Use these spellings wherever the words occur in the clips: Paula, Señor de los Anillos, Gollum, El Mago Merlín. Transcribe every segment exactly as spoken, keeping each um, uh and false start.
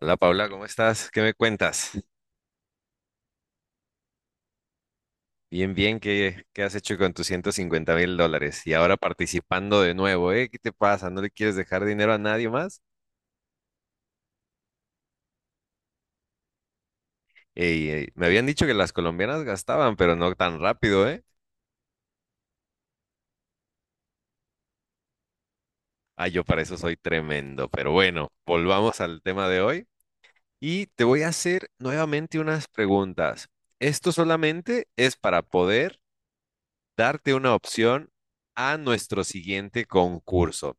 Hola Paula, ¿cómo estás? ¿Qué me cuentas? Bien, bien, ¿qué, qué has hecho con tus ciento cincuenta mil dólares? Y ahora participando de nuevo, ¿eh? ¿Qué te pasa? ¿No le quieres dejar dinero a nadie más? Ey, ey, me habían dicho que las colombianas gastaban, pero no tan rápido, ¿eh? Ah, yo para eso soy tremendo. Pero bueno, volvamos al tema de hoy y te voy a hacer nuevamente unas preguntas. Esto solamente es para poder darte una opción a nuestro siguiente concurso.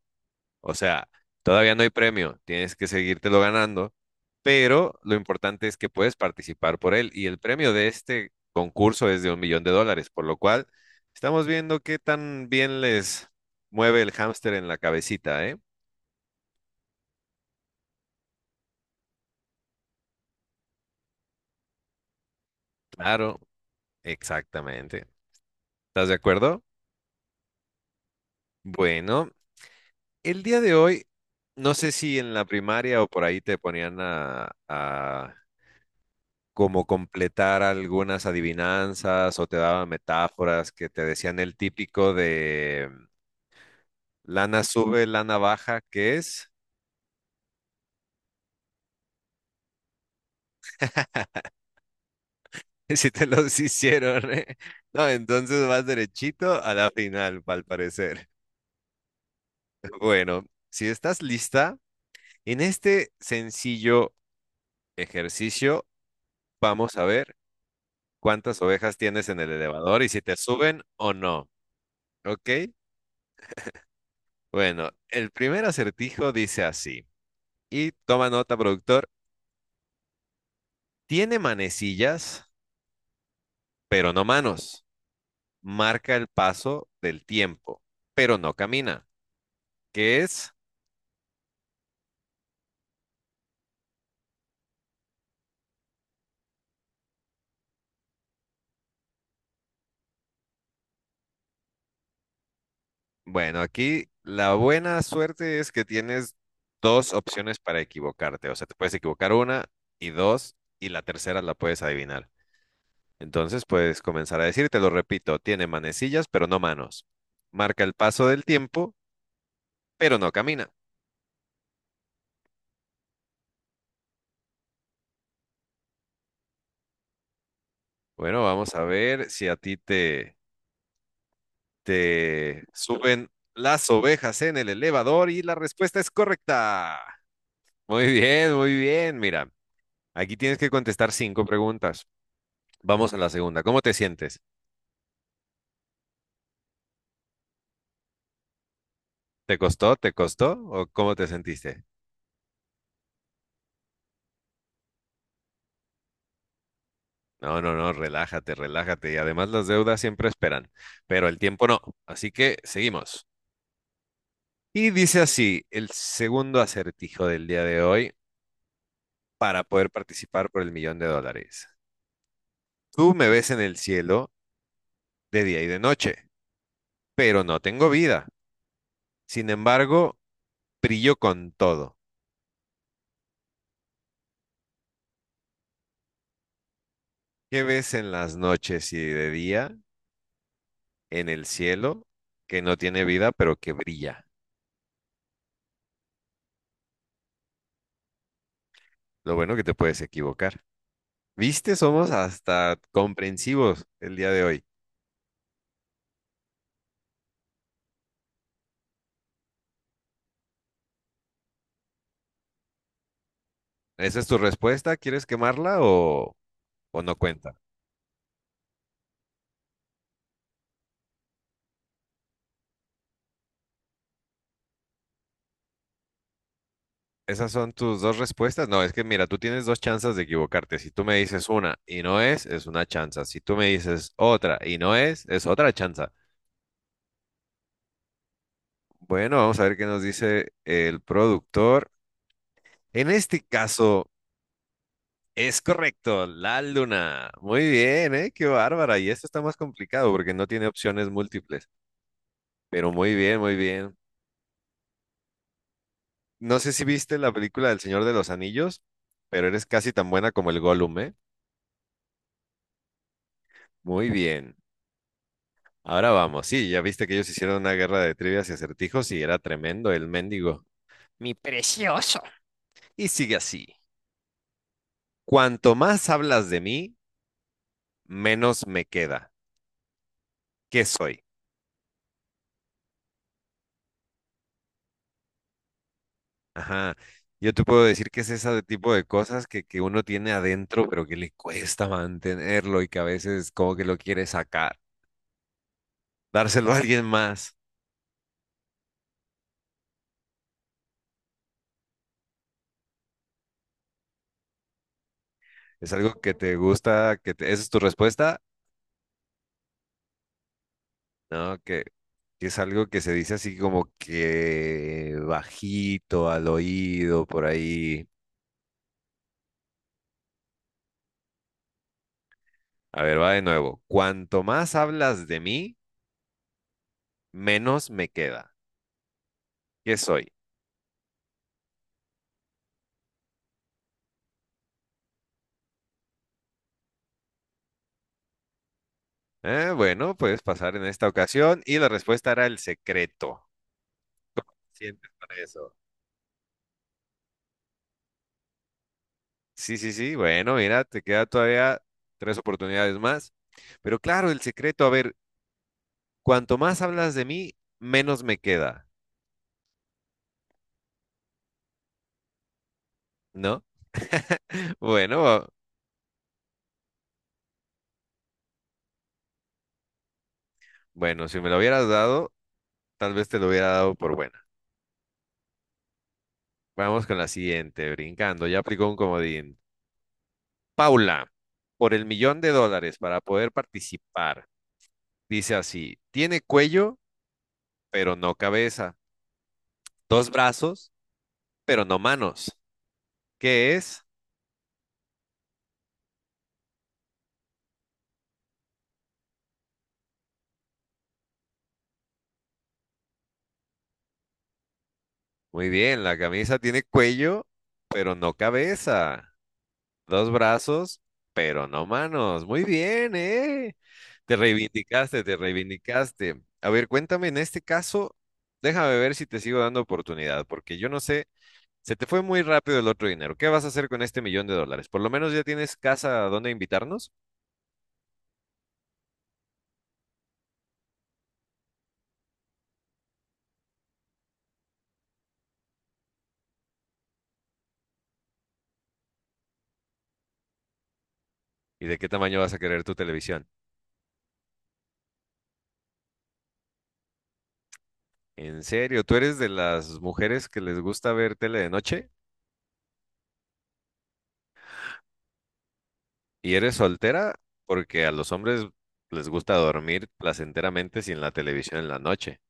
O sea, todavía no hay premio, tienes que seguírtelo ganando, pero lo importante es que puedes participar por él y el premio de este concurso es de un millón de dólares, por lo cual estamos viendo qué tan bien les mueve el hámster en la cabecita, ¿eh? Claro, exactamente. ¿Estás de acuerdo? Bueno, el día de hoy, no sé si en la primaria o por ahí te ponían a, a como completar algunas adivinanzas o te daba metáforas que te decían el típico de mm, lana sube, lana baja, ¿qué es? Si te los hicieron, ¿eh? No, entonces vas derechito a la final, al parecer. Bueno, si estás lista, en este sencillo ejercicio vamos a ver cuántas ovejas tienes en el elevador y si te suben o no, ¿ok? Bueno, el primer acertijo dice así, y toma nota, productor. Tiene manecillas, pero no manos. Marca el paso del tiempo, pero no camina. ¿Qué es? Bueno, aquí la buena suerte es que tienes dos opciones para equivocarte. O sea, te puedes equivocar una y dos, y la tercera la puedes adivinar. Entonces puedes comenzar a decir, te lo repito, tiene manecillas, pero no manos. Marca el paso del tiempo, pero no camina. Bueno, vamos a ver si a ti te Te suben las ovejas en el elevador y la respuesta es correcta. Muy bien, muy bien. Mira, aquí tienes que contestar cinco preguntas. Vamos a la segunda. ¿Cómo te sientes? ¿Te costó? ¿Te costó? ¿O cómo te sentiste? No, no, no, relájate, relájate. Y además las deudas siempre esperan, pero el tiempo no. Así que seguimos. Y dice así, el segundo acertijo del día de hoy para poder participar por el millón de dólares. Tú me ves en el cielo de día y de noche, pero no tengo vida. Sin embargo, brillo con todo. ¿Qué ves en las noches y de día en el cielo que no tiene vida, pero que brilla? Lo bueno que te puedes equivocar. ¿Viste? Somos hasta comprensivos el día de hoy. ¿Esa es tu respuesta? ¿Quieres quemarla o, o no cuenta? ¿Esas son tus dos respuestas? No, es que mira, tú tienes dos chances de equivocarte. Si tú me dices una y no es, es una chanza. Si tú me dices otra y no es, es otra chanza. Bueno, vamos a ver qué nos dice el productor. En este caso, es correcto, la luna. Muy bien, ¿eh? Qué bárbara. Y esto está más complicado porque no tiene opciones múltiples. Pero muy bien, muy bien. No sé si viste la película del Señor de los Anillos, pero eres casi tan buena como el Gollum, ¿eh? Muy bien. Ahora vamos. Sí, ya viste que ellos hicieron una guerra de trivias y acertijos y era tremendo el mendigo. Mi precioso. Y sigue así. Cuanto más hablas de mí, menos me queda. ¿Qué soy? Ajá. Yo te puedo decir que es ese tipo de cosas que, que uno tiene adentro, pero que le cuesta mantenerlo y que a veces como que lo quiere sacar, dárselo a alguien más. ¿Es algo que te gusta? Que te- ¿Esa es tu respuesta? No, que, que es algo que se dice así como que bajito al oído, por ahí. A ver, va de nuevo. Cuanto más hablas de mí, menos me queda. ¿Qué soy? Eh, bueno, puedes pasar en esta ocasión y la respuesta era el secreto. Sientes con eso. Sí, sí, sí, bueno, mira, te queda todavía tres oportunidades más. Pero claro, el secreto, a ver, cuanto más hablas de mí, menos me queda, ¿no? Bueno, bueno, si me lo hubieras dado, tal vez te lo hubiera dado por buena. Vamos con la siguiente, brincando, ya aplicó un comodín. Paula, por el millón de dólares para poder participar, dice así, tiene cuello, pero no cabeza, dos brazos, pero no manos. ¿Qué es? Muy bien, la camisa tiene cuello, pero no cabeza. Dos brazos, pero no manos. Muy bien, ¿eh? Te reivindicaste, te reivindicaste. A ver, cuéntame, en este caso, déjame ver si te sigo dando oportunidad, porque yo no sé, se te fue muy rápido el otro dinero. ¿Qué vas a hacer con este millón de dólares? Por lo menos ya tienes casa a donde invitarnos. ¿Y de qué tamaño vas a querer tu televisión? ¿En serio? ¿Tú eres de las mujeres que les gusta ver tele de noche? ¿Y eres soltera? Porque a los hombres les gusta dormir placenteramente sin la televisión en la noche.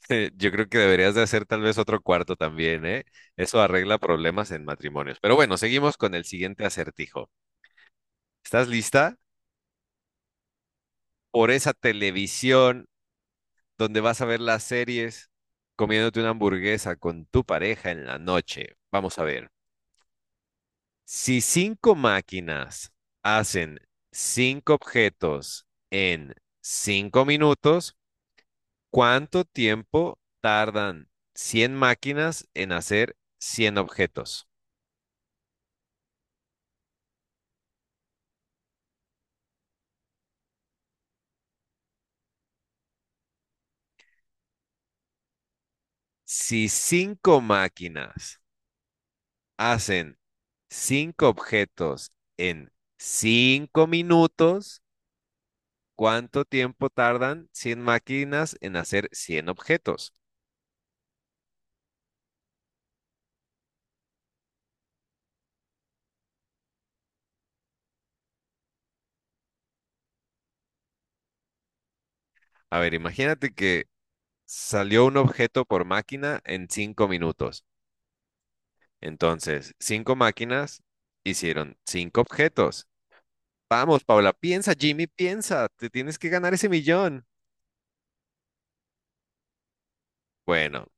Yo creo que deberías de hacer tal vez otro cuarto también, ¿eh? Eso arregla problemas en matrimonios. Pero bueno, seguimos con el siguiente acertijo. ¿Estás lista? Por esa televisión donde vas a ver las series, comiéndote una hamburguesa con tu pareja en la noche. Vamos a ver. Si cinco máquinas hacen cinco objetos en cinco minutos, ¿cuánto tiempo tardan cien máquinas en hacer cien objetos? Si cinco máquinas hacen cinco objetos en cinco minutos, ¿cuánto tiempo tardan cien máquinas en hacer cien objetos? A ver, imagínate que salió un objeto por máquina en cinco minutos. Entonces, cinco máquinas hicieron cinco objetos. Vamos, Paula, piensa, Jimmy, piensa, te tienes que ganar ese millón. Bueno,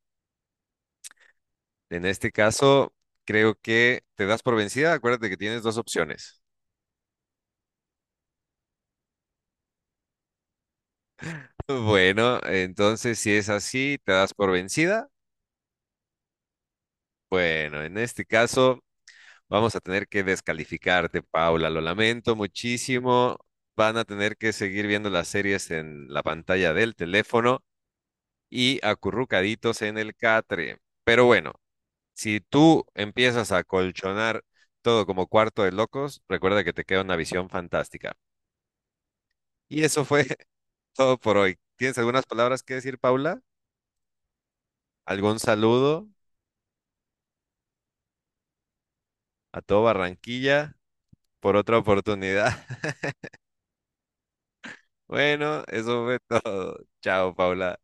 en este caso, creo que te das por vencida. Acuérdate que tienes dos opciones. Bueno, entonces si es así, te das por vencida. Bueno, en este caso, vamos a tener que descalificarte, Paula. Lo lamento muchísimo. Van a tener que seguir viendo las series en la pantalla del teléfono y acurrucaditos en el catre. Pero bueno. Si tú empiezas a colchonar todo como cuarto de locos, recuerda que te queda una visión fantástica. Y eso fue todo por hoy. ¿Tienes algunas palabras que decir, Paula? ¿Algún saludo a todo Barranquilla por otra oportunidad? Bueno, eso fue todo. Chao, Paula.